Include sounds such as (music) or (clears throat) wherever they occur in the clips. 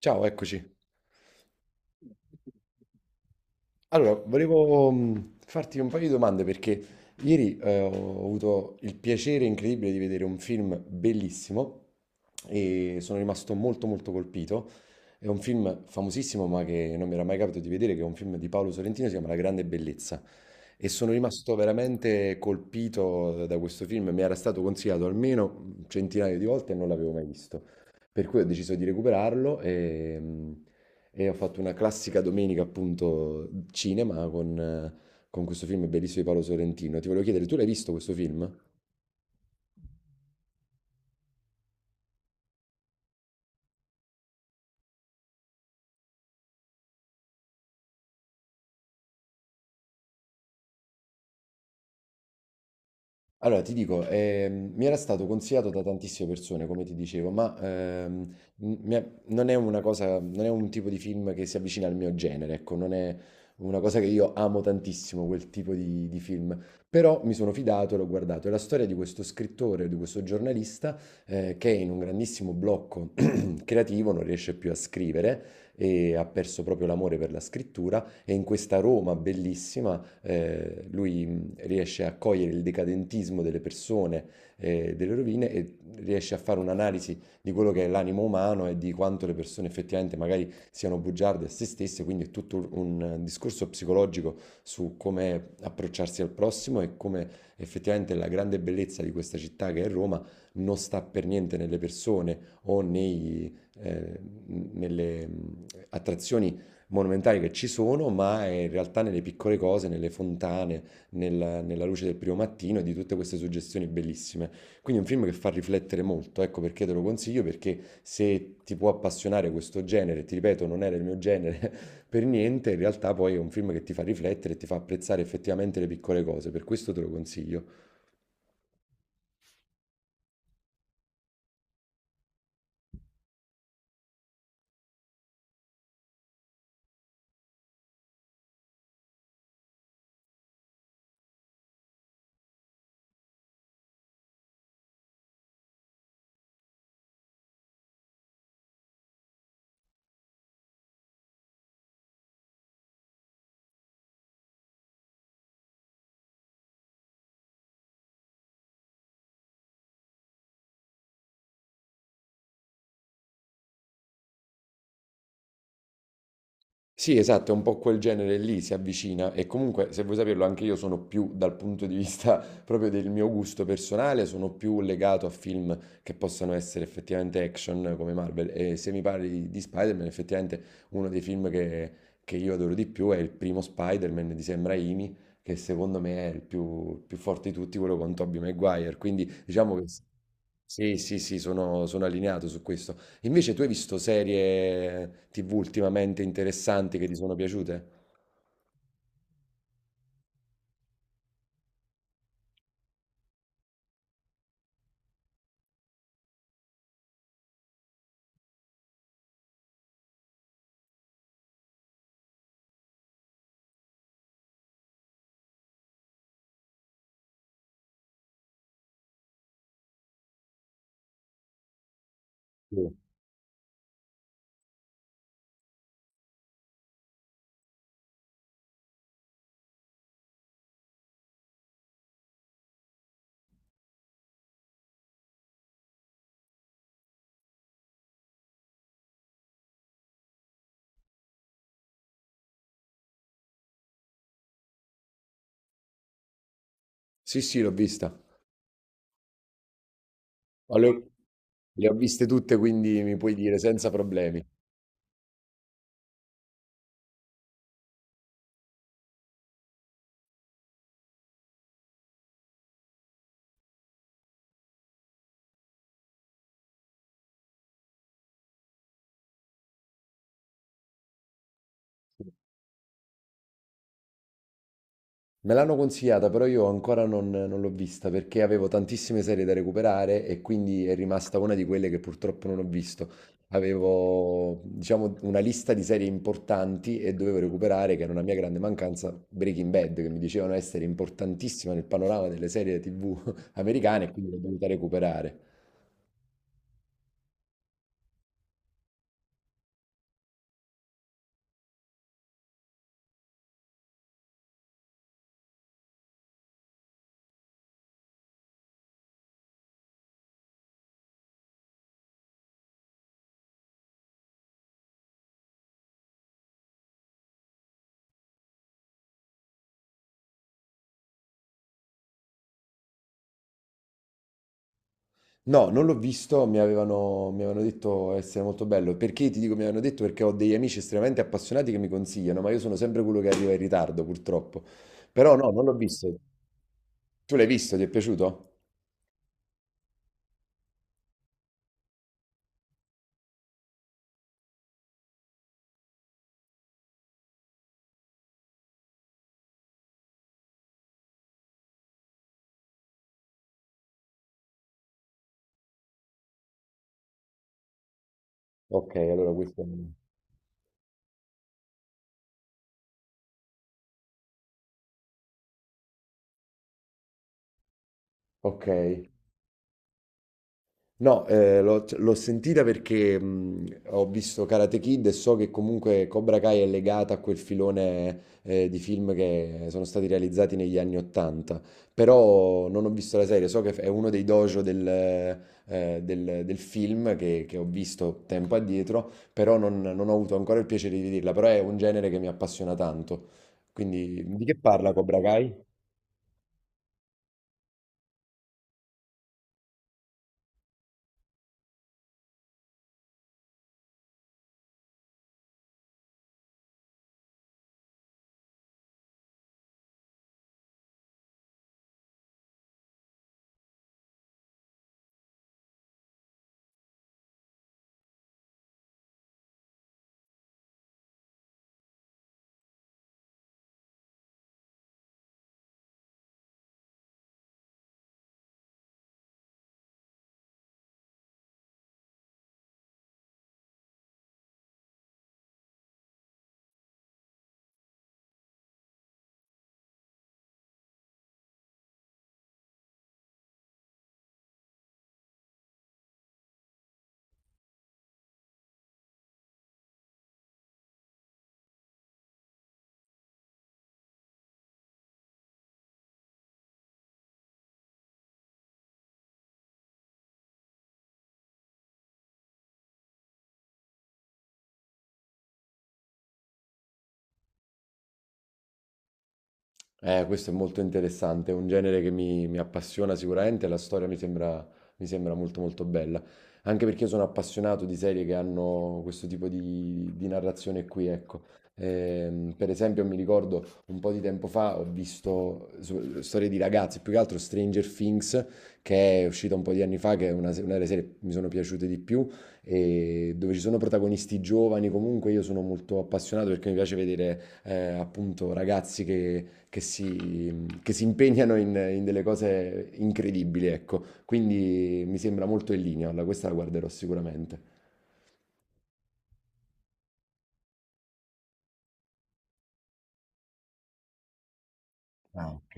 Ciao, eccoci. Allora, volevo farti un paio di domande perché ieri ho avuto il piacere incredibile di vedere un film bellissimo e sono rimasto molto molto colpito. È un film famosissimo, ma che non mi era mai capitato di vedere, che è un film di Paolo Sorrentino, si chiama La grande bellezza. E sono rimasto veramente colpito da questo film. Mi era stato consigliato almeno centinaia di volte e non l'avevo mai visto. Per cui ho deciso di recuperarlo e ho fatto una classica domenica, appunto, cinema con questo film bellissimo di Paolo Sorrentino. Ti volevo chiedere, tu l'hai visto questo film? Allora, ti dico, mi era stato consigliato da tantissime persone, come ti dicevo, ma non è una cosa, non è un tipo di film che si avvicina al mio genere, ecco, non è una cosa che io amo tantissimo, quel tipo di film. Però mi sono fidato e l'ho guardato. È la storia di questo scrittore, di questo giornalista che è in un grandissimo blocco (clears throat) creativo, non riesce più a scrivere e ha perso proprio l'amore per la scrittura e in questa Roma bellissima lui riesce a cogliere il decadentismo delle persone e delle rovine e riesce a fare un'analisi di quello che è l'animo umano e di quanto le persone effettivamente magari siano bugiarde a se stesse, quindi è tutto un discorso psicologico su come approcciarsi al prossimo e come effettivamente la grande bellezza di questa città che è Roma non sta per niente nelle persone o eh, nelle attrazioni monumentali che ci sono, ma in realtà nelle piccole cose, nelle fontane, nella luce del primo mattino e di tutte queste suggestioni bellissime. Quindi è un film che fa riflettere molto, ecco perché te lo consiglio, perché se ti può appassionare questo genere, ti ripeto, non era il mio genere (laughs) per niente, in realtà poi è un film che ti fa riflettere e ti fa apprezzare effettivamente le piccole cose, per questo te lo consiglio. Sì, esatto, è un po' quel genere lì, si avvicina e comunque, se vuoi saperlo, anche io sono più dal punto di vista (laughs) proprio del mio gusto personale, sono più legato a film che possano essere effettivamente action come Marvel e se mi parli di Spider-Man, effettivamente uno dei film che io adoro di più è il primo Spider-Man di Sam Raimi, che secondo me è il più forte di tutti, quello con Tobey Maguire, quindi diciamo che sì, sì, sì, sono allineato su questo. Invece tu hai visto serie TV ultimamente interessanti che ti sono piaciute? Sì, sì, sì, l'ho vista. Ma le ho viste tutte, quindi mi puoi dire senza problemi. Me l'hanno consigliata, però io ancora non l'ho vista perché avevo tantissime serie da recuperare e quindi è rimasta una di quelle che purtroppo non ho visto. Avevo, diciamo, una lista di serie importanti e dovevo recuperare, che era una mia grande mancanza, Breaking Bad, che mi dicevano essere importantissima nel panorama delle serie TV (laughs) americane e quindi l'ho dovuta recuperare. No, non l'ho visto, mi avevano detto essere molto bello. Perché ti dico mi avevano detto? Perché ho degli amici estremamente appassionati che mi consigliano, ma io sono sempre quello che arriva in ritardo, purtroppo. Però no, non l'ho visto. Tu l'hai visto? Ti è piaciuto? Ok, allora questo... Ok. No, l'ho sentita perché ho visto Karate Kid e so che comunque Cobra Kai è legata a quel filone di film che sono stati realizzati negli anni Ottanta, però non ho visto la serie, so che è uno dei dojo del film che ho visto tempo addietro, però non ho avuto ancora il piacere di vederla, però è un genere che mi appassiona tanto. Quindi di che parla Cobra Kai? Questo è molto interessante, è un genere che mi appassiona sicuramente, la storia mi sembra molto molto bella, anche perché io sono appassionato di serie che hanno questo tipo di narrazione qui, ecco. Per esempio mi ricordo un po' di tempo fa storie di ragazzi, più che altro Stranger Things, che è uscita un po' di anni fa, che è una, se- una delle serie che mi sono piaciute di più, e dove ci sono protagonisti giovani, comunque io sono molto appassionato perché mi piace vedere appunto ragazzi che si impegnano in delle cose incredibili, ecco. Quindi mi sembra molto in linea, questa la guarderò sicuramente. Ah, ok.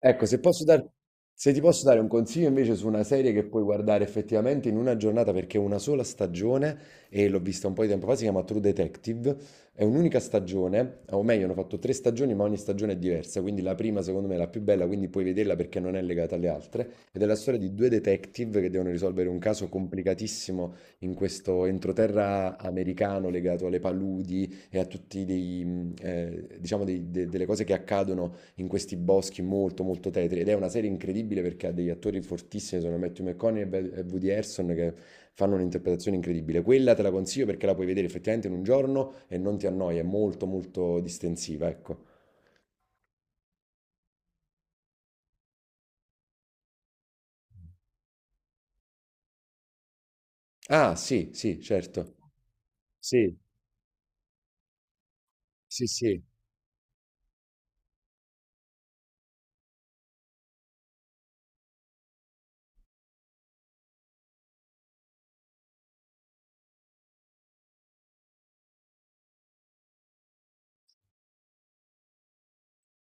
Ecco, se ti posso dare un consiglio invece su una serie che puoi guardare effettivamente in una giornata perché è una sola stagione e l'ho vista un po' di tempo fa, si chiama True Detective, è un'unica stagione, o meglio, hanno fatto tre stagioni ma ogni stagione è diversa, quindi la prima secondo me è la più bella, quindi puoi vederla perché non è legata alle altre, ed è la storia di due detective che devono risolvere un caso complicatissimo in questo entroterra americano legato alle paludi e a tutti diciamo delle cose che accadono in questi boschi molto molto tetri ed è una serie incredibile perché ha degli attori fortissimi, sono Matthew McConaughey e Woody Harrelson che fanno un'interpretazione incredibile. Quella te la consiglio perché la puoi vedere effettivamente in un giorno e non ti annoia, è molto molto distensiva, ecco. Ah, sì, sì, certo. Sì, sì, sì.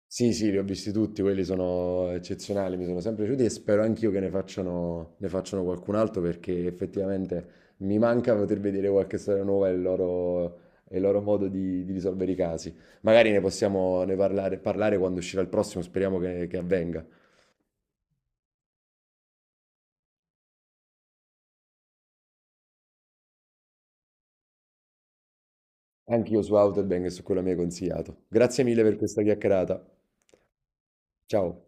Sì, sì, li ho visti tutti, quelli sono eccezionali, mi sono sempre piaciuti e spero anch'io che ne facciano qualcun altro perché effettivamente mi manca poter vedere qualche storia nuova e il loro modo di risolvere i casi. Magari ne parlare, parlare quando uscirà il prossimo, speriamo che avvenga. Anche io su Outer Banks e su quello mi hai consigliato. Grazie mille per questa chiacchierata. Ciao.